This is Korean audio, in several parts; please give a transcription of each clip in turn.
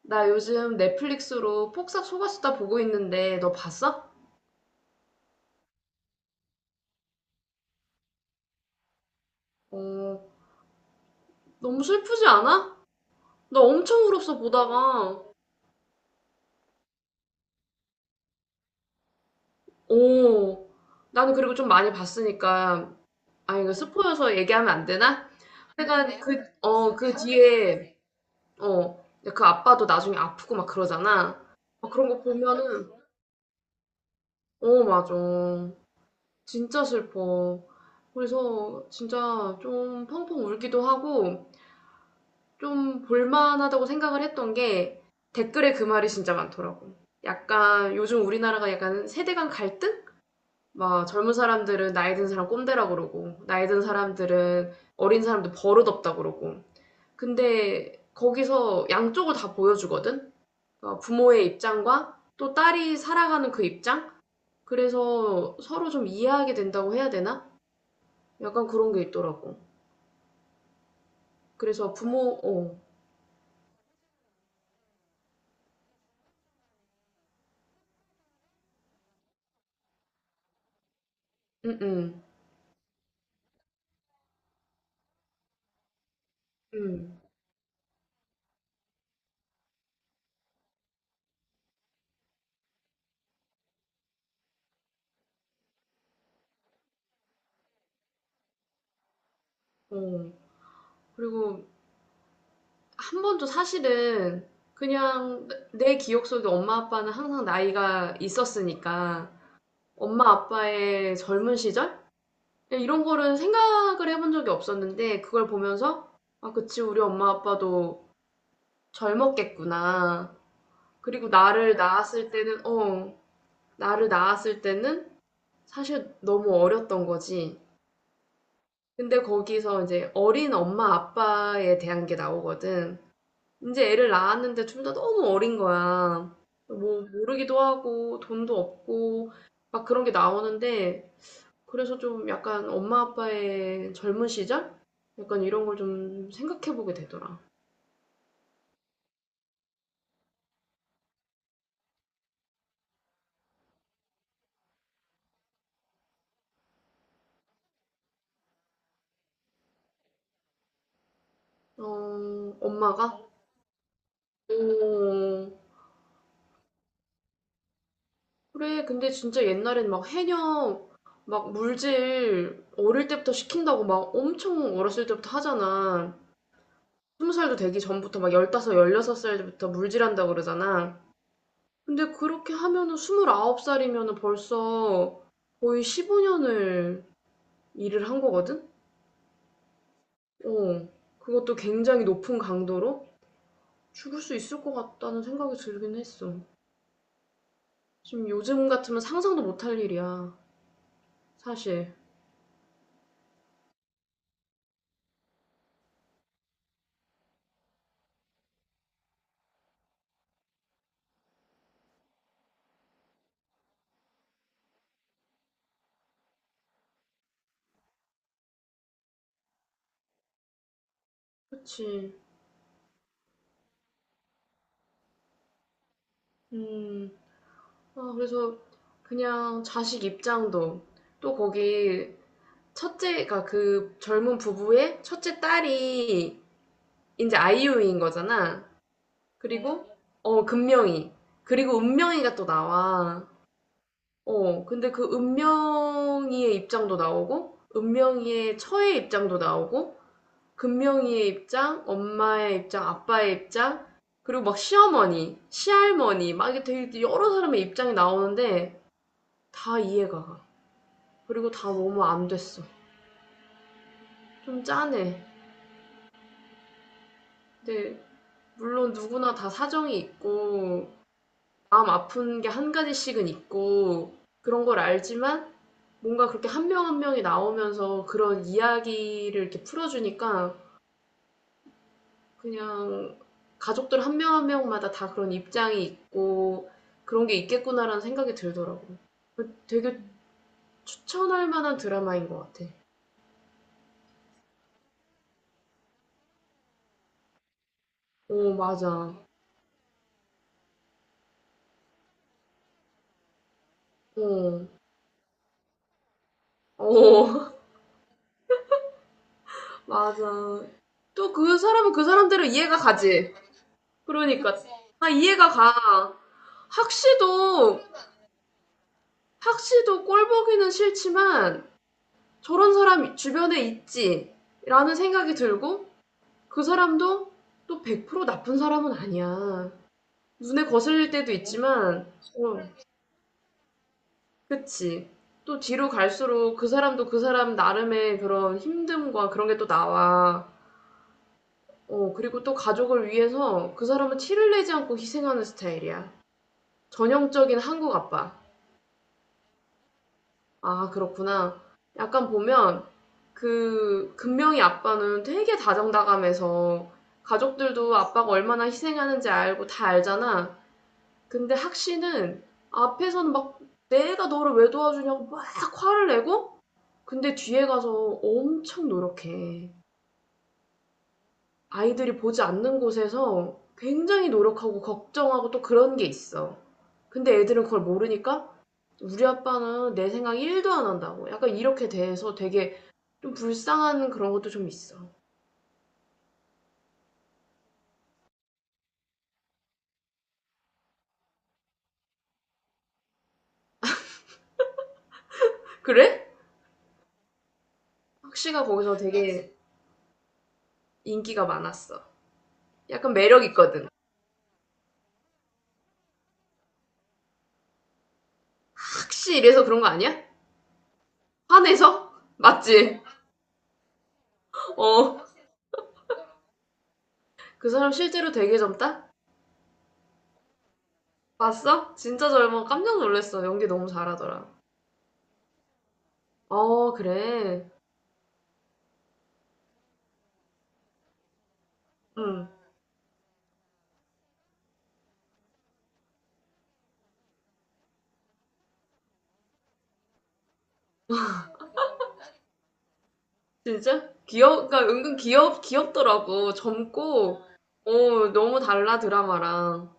나 요즘 넷플릭스로 폭삭 속았수다 보고 있는데 너 봤어? 어, 너무 슬프지 않아? 나 엄청 울었어 보다가. 어, 나는 그리고 좀 많이 봤으니까 아 이거 스포여서 얘기하면 안 되나? 하여간 그 뒤에 그 아빠도 나중에 아프고 막 그러잖아. 막 그런 거 보면은 어, 맞아. 진짜 슬퍼. 그래서 진짜 좀 펑펑 울기도 하고 좀 볼만하다고 생각을 했던 게 댓글에 그 말이 진짜 많더라고. 약간 요즘 우리나라가 약간 세대 간 갈등? 막 젊은 사람들은 나이 든 사람 꼰대라 그러고 나이 든 사람들은 어린 사람들 버릇없다 그러고 근데 거기서 양쪽을 다 보여주거든? 그러니까 부모의 입장과 또 딸이 살아가는 그 입장? 그래서 서로 좀 이해하게 된다고 해야 되나? 약간 그런 게 있더라고. 그래서 부모, 어, 응, 응, 응, 어. 그리고 한 번도 사실은 그냥 내 기억 속에 엄마 아빠는 항상 나이가 있었으니까 엄마 아빠의 젊은 시절? 이런 거를 생각을 해본 적이 없었는데 그걸 보면서 '아 그치. 우리 엄마 아빠도 젊었겠구나.' 그리고 나를 낳았을 때는 어 나를 낳았을 때는 사실 너무 어렸던 거지. 근데 거기서 이제 어린 엄마 아빠에 대한 게 나오거든. 이제 애를 낳았는데 둘 다 너무 어린 거야. 뭐 모르기도 하고 돈도 없고 막 그런 게 나오는데 그래서 좀 약간 엄마 아빠의 젊은 시절? 약간 이런 걸 좀 생각해 보게 되더라. 어, 엄마가? 어, 그래. 근데 진짜 옛날엔 막 해녀 막 물질 어릴 때부터 시킨다고 막 엄청 어렸을 때부터 하잖아. 스무 살도 되기 전부터 막 열다섯, 열여섯 살부터 물질한다고 그러잖아. 근데 그렇게 하면은 29 살이면은 벌써 거의 15년을 일을 한 거거든? 어. 그것도 굉장히 높은 강도로 죽을 수 있을 것 같다는 생각이 들긴 했어. 지금 요즘 같으면 상상도 못할 일이야. 사실. 그치. 음. 아, 그래서 그냥 자식 입장도 또 거기 첫째가 그 젊은 부부의 첫째 딸이 이제 아이유인 거잖아. 그리고 어 금명이 그리고 은명이가 또 나와 어 근데 그 은명이의 입장도 나오고 은명이의 처의 입장도 나오고 금명이의 입장 엄마의 입장 아빠의 입장 그리고 막 시어머니 시할머니 막 이게 되게 여러 사람의 입장이 나오는데 다 이해가 가 그리고 다 너무 안 됐어 좀 짠해 근데 물론 누구나 다 사정이 있고 마음 아픈 게 한 가지씩은 있고 그런 걸 알지만 뭔가 그렇게 한 명 한 명이 나오면서 그런 이야기를 이렇게 풀어주니까 그냥 가족들 한 명 한 명마다 다 그런 입장이 있고 그런 게 있겠구나라는 생각이 들더라고. 되게 추천할 만한 드라마인 것 같아. 어, 맞아. 어, 어, 맞아. 또 그 사람은 그 사람대로 이해가 가지. 그러니까. 다 이해가 가. 학시도 확실도 꼴 보기는 싫지만 저런 사람 주변에 있지라는 생각이 들고 그 사람도 또 100% 나쁜 사람은 아니야. 눈에 거슬릴 때도 있지만, 어, 그치. 또 뒤로 갈수록 그 사람도 그 사람 나름의 그런 힘듦과 그런 게 또 나와. 어, 그리고 또 가족을 위해서 그 사람은 티를 내지 않고 희생하는 스타일이야. 전형적인 한국 아빠. 아, 그렇구나. 약간 보면 그 금명이 아빠는 되게 다정다감해서 가족들도 아빠가 얼마나 희생하는지 알고 다 알잖아. 근데 학시는 앞에서는 막 내가 너를 왜 도와주냐고 막 화를 내고 근데 뒤에 가서 엄청 노력해. 아이들이 보지 않는 곳에서 굉장히 노력하고 걱정하고 또 그런 게 있어. 근데 애들은 그걸 모르니까 우리 아빠는 내 생각 1도 안 한다고. 약간 이렇게 돼서 되게 좀 불쌍한 그런 것도 좀 있어. 그래? 학시가 거기서 되게 인기가 많았어. 약간 매력 있거든. 학시 이래서 그런 거 아니야? 화내서? 맞지? 어. 그 사람 실제로 되게 젊다? 봤어? 진짜 젊어. 깜짝 놀랐어. 연기 너무 잘하더라. 어, 그래. 응. 진짜? 귀여, 그러니까 은근 귀엽, 귀엽더라고. 젊고, 어, 너무 달라, 드라마랑.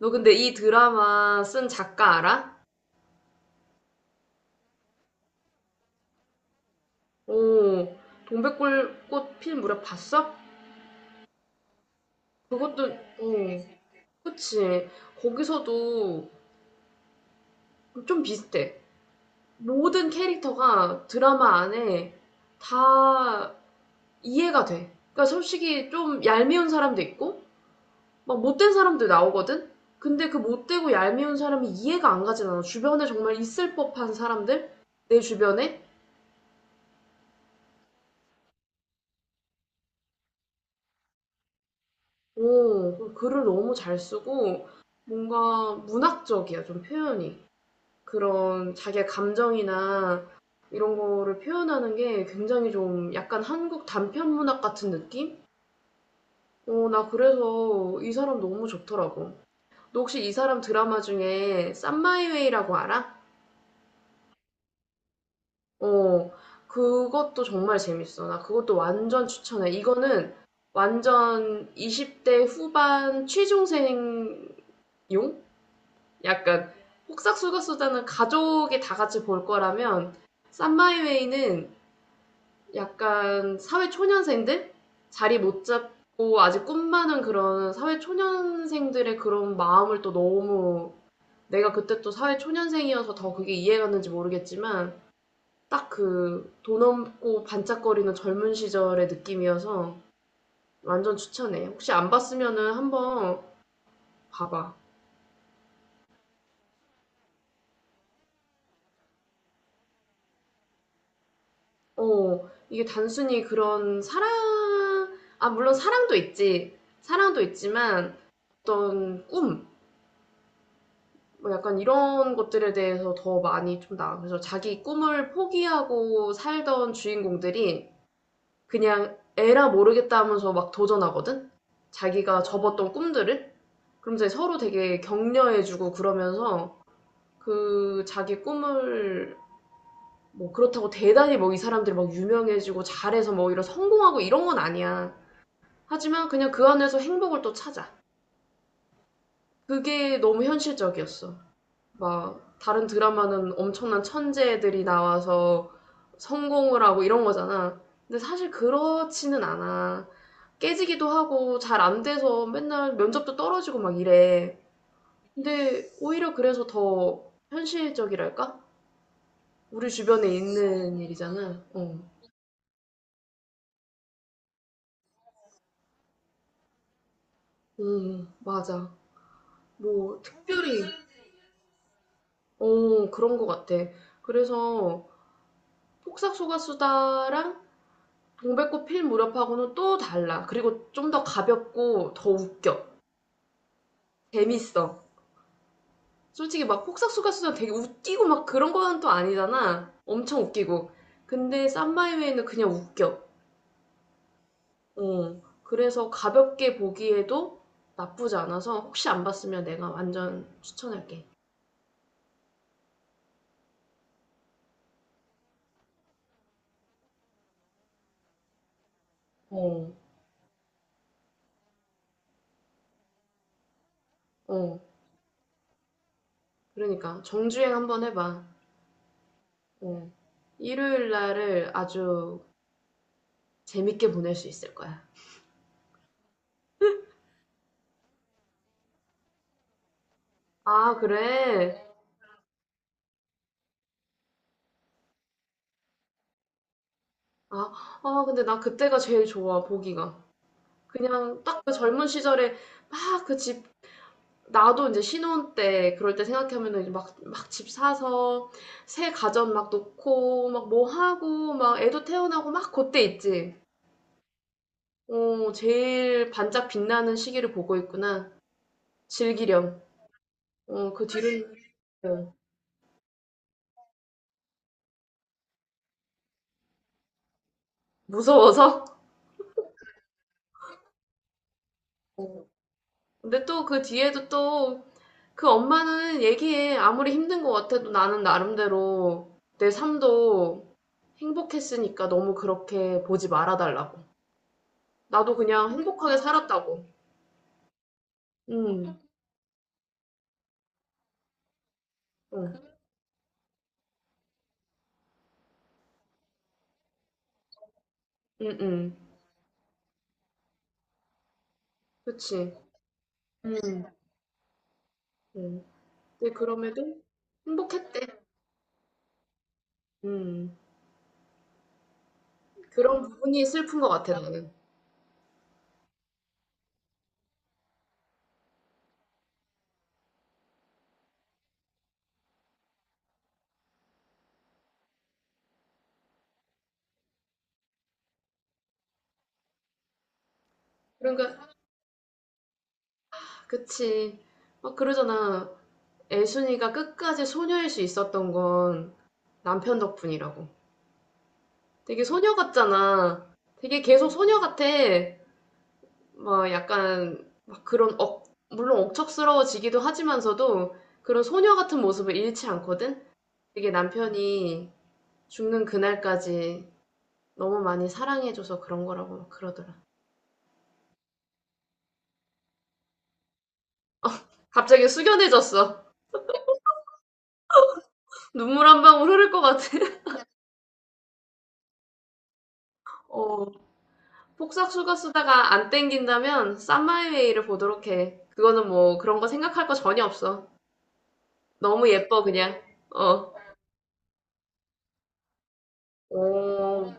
너 근데 이 드라마 쓴 작가 알아? 오, 동백꽃 필 무렵 봤어? 그것도, 어, 그치. 거기서도 좀 비슷해. 모든 캐릭터가 드라마 안에 다 이해가 돼. 그러니까 솔직히 좀 얄미운 사람도 있고, 막 못된 사람들 나오거든? 근데 그 못되고 얄미운 사람이 이해가 안 가진 않아. 주변에 정말 있을 법한 사람들? 내 주변에? 오, 글을 너무 잘 쓰고, 뭔가 문학적이야, 좀 표현이. 그런 자기의 감정이나 이런 거를 표현하는 게 굉장히 좀 약간 한국 단편 문학 같은 느낌? 어, 나 그래서 이 사람 너무 좋더라고. 너 혹시 이 사람 드라마 중에 썸마이웨이라고 알아? 어, 그것도 정말 재밌어. 나 그것도 완전 추천해. 이거는 완전 20대 후반 취중생용? 약간 폭삭수가수다는 가족이 다 같이 볼 거라면 쌈마이웨이는 약간 사회 초년생들? 자리 못 잡고 아직 꿈 많은 그런 사회 초년생들의 그런 마음을 또 너무 내가 그때 또 사회 초년생이어서 더 그게 이해갔는지 모르겠지만 딱 그 돈 없고 반짝거리는 젊은 시절의 느낌이어서 완전 추천해. 혹시 안 봤으면은 한번 봐봐. 어, 이게 단순히 그런 사랑, 아, 물론 사랑도 있지. 사랑도 있지만 어떤 꿈, 뭐 약간 이런 것들에 대해서 더 많이 좀 나와. 그래서 자기 꿈을 포기하고 살던 주인공들이 그냥 에라 모르겠다 하면서 막 도전하거든? 자기가 접었던 꿈들을? 그럼 이제 서로 되게 격려해주고 그러면서 그 자기 꿈을 뭐 그렇다고 대단히 뭐 이 사람들이 막 유명해지고 잘해서 뭐 이런 성공하고 이런 건 아니야. 하지만 그냥 그 안에서 행복을 또 찾아. 그게 너무 현실적이었어. 막 다른 드라마는 엄청난 천재들이 나와서 성공을 하고 이런 거잖아. 근데 사실 그렇지는 않아. 깨지기도 하고 잘 안 돼서 맨날 면접도 떨어지고 막 이래. 근데 오히려 그래서 더 현실적이랄까? 우리 주변에 있는 일이잖아. 어. 맞아. 뭐, 특별히, 어, 그런 것 같아. 그래서 폭삭소가수다랑 동백꽃 필 무렵하고는 또 달라. 그리고 좀 더 가볍고 더 웃겨. 재밌어. 솔직히 막 폭삭소가수다 되게 웃기고 막 그런 거는 또 아니잖아. 엄청 웃기고. 근데 쌈마이웨이는 그냥 웃겨. 어, 그래서 가볍게 보기에도 나쁘지 않아서 혹시 안 봤으면 내가 완전 추천할게. 어, 어. 그러니까 정주행 한번 해봐. 어. 일요일 날을 아주 재밌게 보낼 수 있을 거야. 아, 그래? 아, 아, 근데 나 그때가 제일 좋아, 보기가. 그냥 딱 그 젊은 시절에 막그집 나도 이제 신혼 때 그럴 때 생각하면은 막 집 사서 새 가전 막 놓고 막 뭐 하고 막 애도 태어나고 막 그때 있지. 어, 제일 반짝 빛나는 시기를 보고 있구나. 즐기렴. 어, 그 뒤로는 어, 무서워서. 근데 또 그 뒤에도 또 그 엄마는 얘기해. 아무리 힘든 것 같아도 나는 나름대로 내 삶도 행복했으니까 너무 그렇게 보지 말아달라고. 나도 그냥 행복하게 살았다고. 음. 어. 음음. 그치. 음. 음. 근데 그럼에도 행복했대. 음. 그런 부분이 슬픈 것 같아, 나는. 그러니까, 그치. 막 그러잖아. 애순이가 끝까지 소녀일 수 있었던 건 남편 덕분이라고. 되게 소녀 같잖아. 되게 계속 소녀 같아. 막 약간, 막 그런 억, 물론 억척스러워지기도 하지만서도 그런 소녀 같은 모습을 잃지 않거든? 되게 남편이 죽는 그날까지 너무 많이 사랑해줘서 그런 거라고 그러더라. 갑자기 숙연해졌어. 눈물 한 방울 흐를 것 같아. 어, 폭삭 수가 쓰다가 안 땡긴다면 쌈마이웨이를 보도록 해. 그거는 뭐 그런 거 생각할 거 전혀 없어. 너무 예뻐 그냥. 어. 어,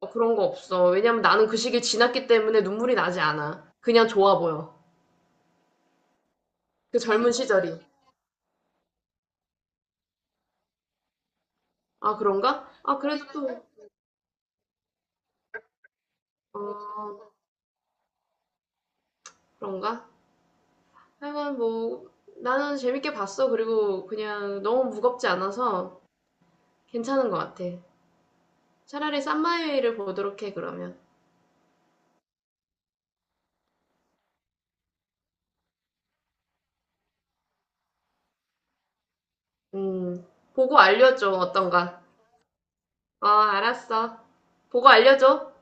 어, 그런 거 없어. 왜냐면 나는 그 시기를 지났기 때문에 눈물이 나지 않아. 그냥 좋아 보여. 그 젊은 시절이. 아, 그런가? 아, 그래도 또, 어, 그런가? 하여간 뭐 나는 재밌게 봤어. 그리고 그냥 너무 무겁지 않아서 괜찮은 것 같아. 차라리 쌈마이웨이를 보도록 해, 그러면. 음, 보고 알려줘, 어떤가. 어, 알았어. 보고 알려줘.